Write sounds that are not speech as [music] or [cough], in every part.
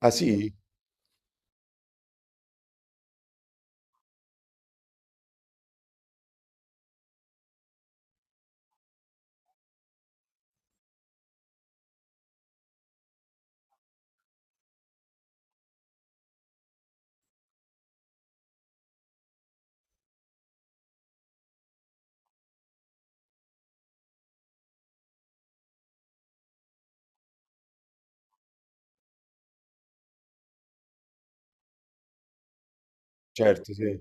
Ah sì? Certo, sì.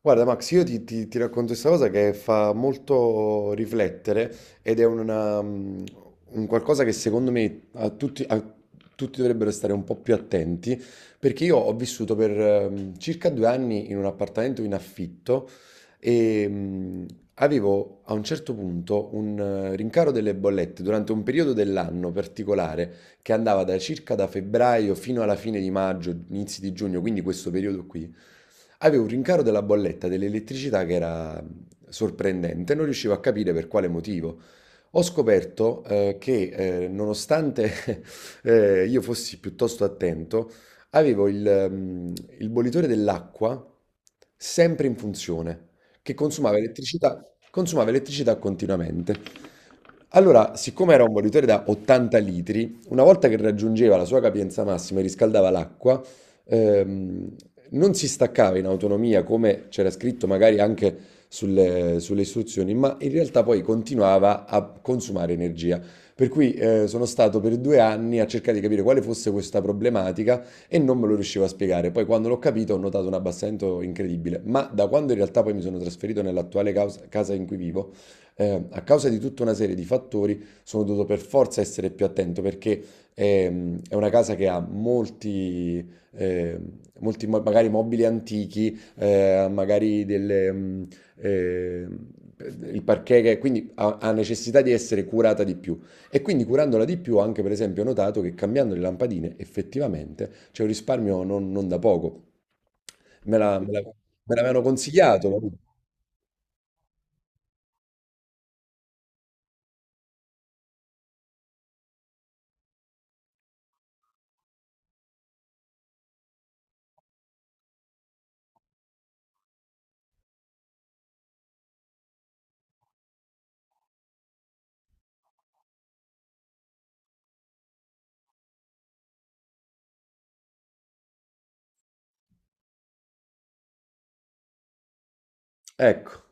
Guarda, Max, io ti racconto questa cosa che fa molto riflettere ed è una, un qualcosa che secondo me a tutti dovrebbero stare un po' più attenti, perché io ho vissuto per circa 2 anni in un appartamento in affitto e avevo a un certo punto un rincaro delle bollette durante un periodo dell'anno particolare che andava da circa da febbraio fino alla fine di maggio, inizi di giugno, quindi questo periodo qui. Avevo un rincaro della bolletta dell'elettricità che era sorprendente, non riuscivo a capire per quale motivo. Ho scoperto che nonostante [laughs] io fossi piuttosto attento, avevo mh, il bollitore dell'acqua sempre in funzione, che consumava elettricità continuamente. Allora, siccome era un bollitore da 80 litri, una volta che raggiungeva la sua capienza massima e riscaldava l'acqua, ehm, non si staccava in autonomia come c'era scritto magari anche sulle istruzioni, ma in realtà poi continuava a consumare energia. Per cui sono stato per 2 anni a cercare di capire quale fosse questa problematica e non me lo riuscivo a spiegare. Poi quando l'ho capito ho notato un abbassamento incredibile, ma da quando in realtà poi mi sono trasferito nell'attuale casa in cui vivo, a causa di tutta una serie di fattori sono dovuto per forza essere più attento perché è una casa che ha eh, molti magari mobili antichi, magari delle, eh, il parquet che quindi ha necessità di essere curata di più. E quindi curandola di più, anche per esempio, ho notato che cambiando le lampadine effettivamente c'è un risparmio non, non da poco. Me l'avevano consigliato. Capito? Ecco,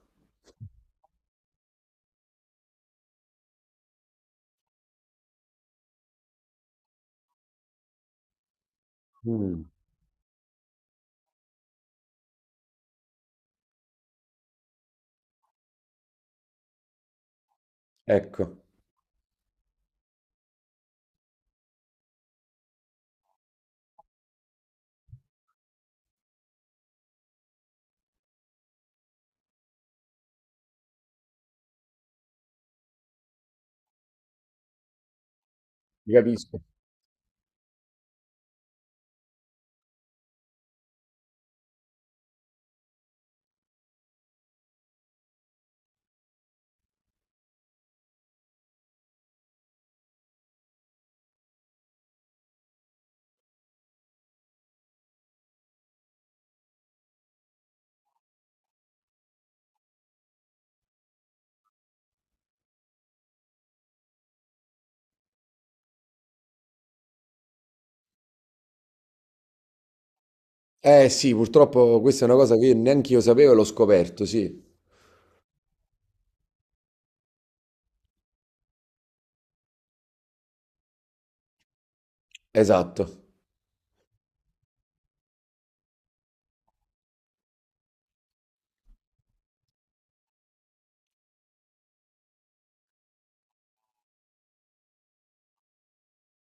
Mm, ecco, ti capisco. Eh sì, purtroppo questa è una cosa che io neanche io sapevo e l'ho scoperto, sì, esatto.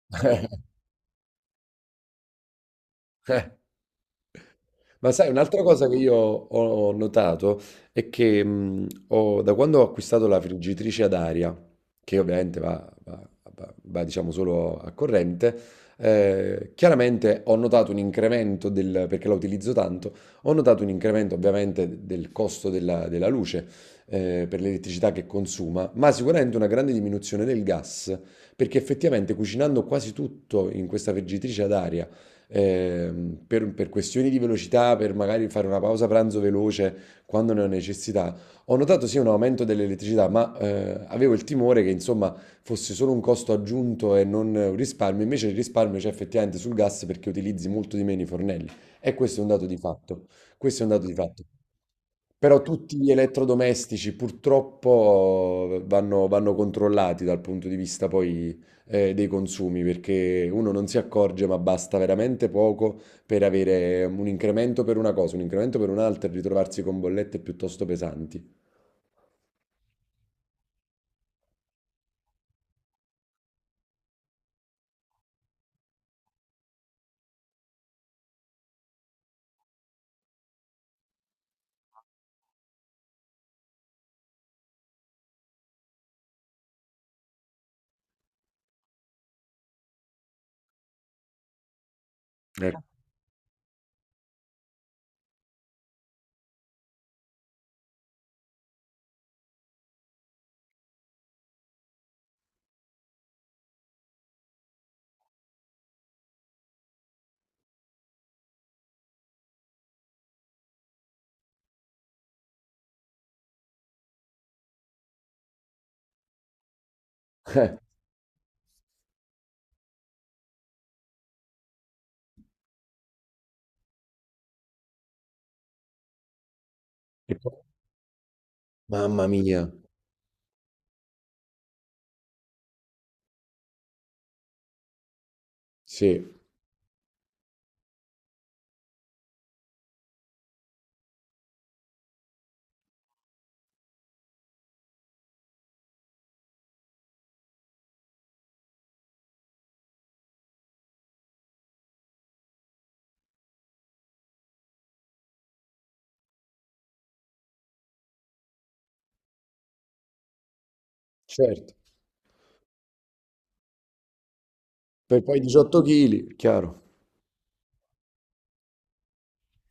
[laughs] Ma sai, un'altra cosa che io ho notato è che da quando ho acquistato la friggitrice ad aria, che ovviamente va, diciamo solo a corrente, chiaramente ho notato un incremento del, perché la utilizzo tanto, ho notato un incremento ovviamente del costo della luce, per l'elettricità che consuma, ma sicuramente una grande diminuzione del gas, perché effettivamente cucinando quasi tutto in questa friggitrice ad aria, per questioni di velocità, per magari fare una pausa pranzo veloce quando ne ho necessità, ho notato sì un aumento dell'elettricità, ma avevo il timore che insomma fosse solo un costo aggiunto e non un risparmio. Invece il risparmio c'è effettivamente sul gas perché utilizzi molto di meno i fornelli. E questo è un dato di fatto. Questo è un dato di fatto. Però tutti gli elettrodomestici purtroppo vanno controllati dal punto di vista poi dei consumi, perché uno non si accorge, ma basta veramente poco per avere un incremento per una cosa, un incremento per un'altra e ritrovarsi con bollette piuttosto pesanti. Ecco. E poi- Mamma mia, sì, certo. Per poi 18 kg, chiaro.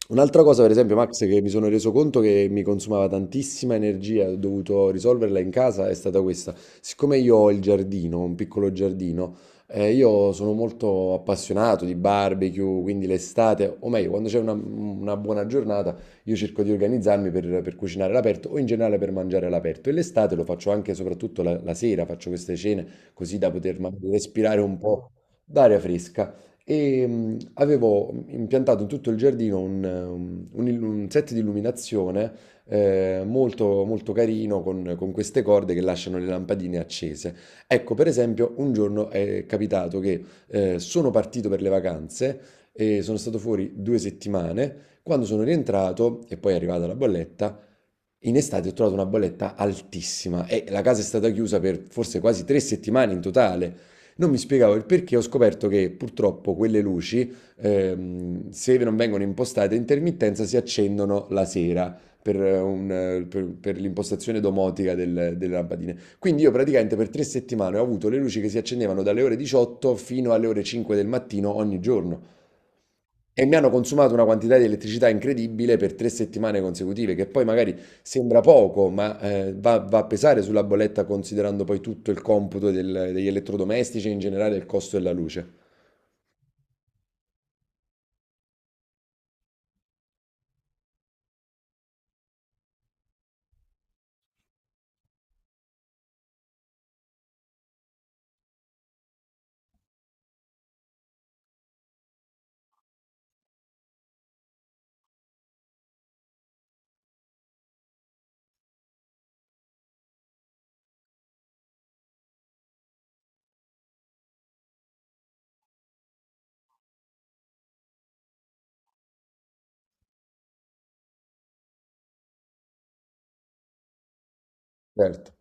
Un'altra cosa, per esempio, Max, che mi sono reso conto che mi consumava tantissima energia, e ho dovuto risolverla in casa, è stata questa. Siccome io ho il giardino, un piccolo giardino, io sono molto appassionato di barbecue, quindi l'estate, o meglio, quando c'è una buona giornata, io cerco di organizzarmi per cucinare all'aperto o in generale per mangiare all'aperto. E l'estate lo faccio anche, soprattutto la sera, faccio queste cene così da poter magari respirare un po' d'aria fresca e avevo impiantato in tutto il giardino un un set di illuminazione molto, molto carino con queste corde che lasciano le lampadine accese. Ecco, per esempio, un giorno è capitato che sono partito per le vacanze e sono stato fuori 2 settimane. Quando sono rientrato, e poi è arrivata la bolletta, in estate ho trovato una bolletta altissima e la casa è stata chiusa per forse quasi 3 settimane in totale. Non mi spiegavo il perché, ho scoperto che purtroppo quelle luci, se non vengono impostate a intermittenza, si accendono la sera per l'impostazione domotica delle lampadine. Quindi io praticamente per 3 settimane ho avuto le luci che si accendevano dalle ore 18 fino alle ore 5 del mattino ogni giorno. E mi hanno consumato una quantità di elettricità incredibile per 3 settimane consecutive, che poi magari sembra poco, ma va a pesare sulla bolletta considerando poi tutto il computo degli elettrodomestici e in generale il costo della luce. Certo.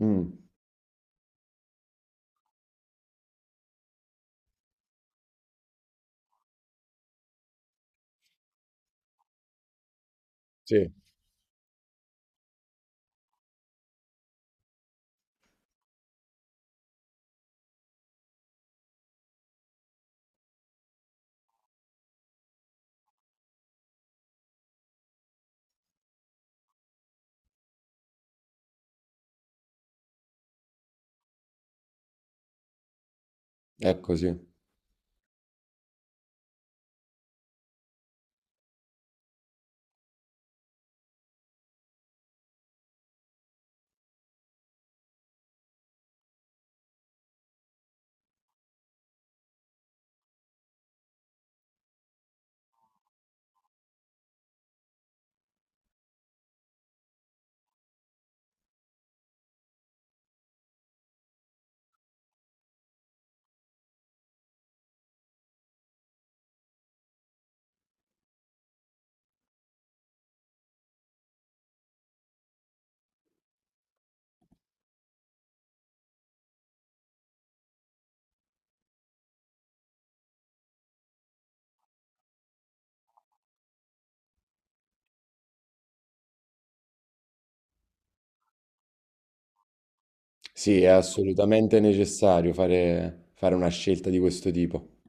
Mm, sì, è così. Sì, è assolutamente necessario fare una scelta di questo tipo.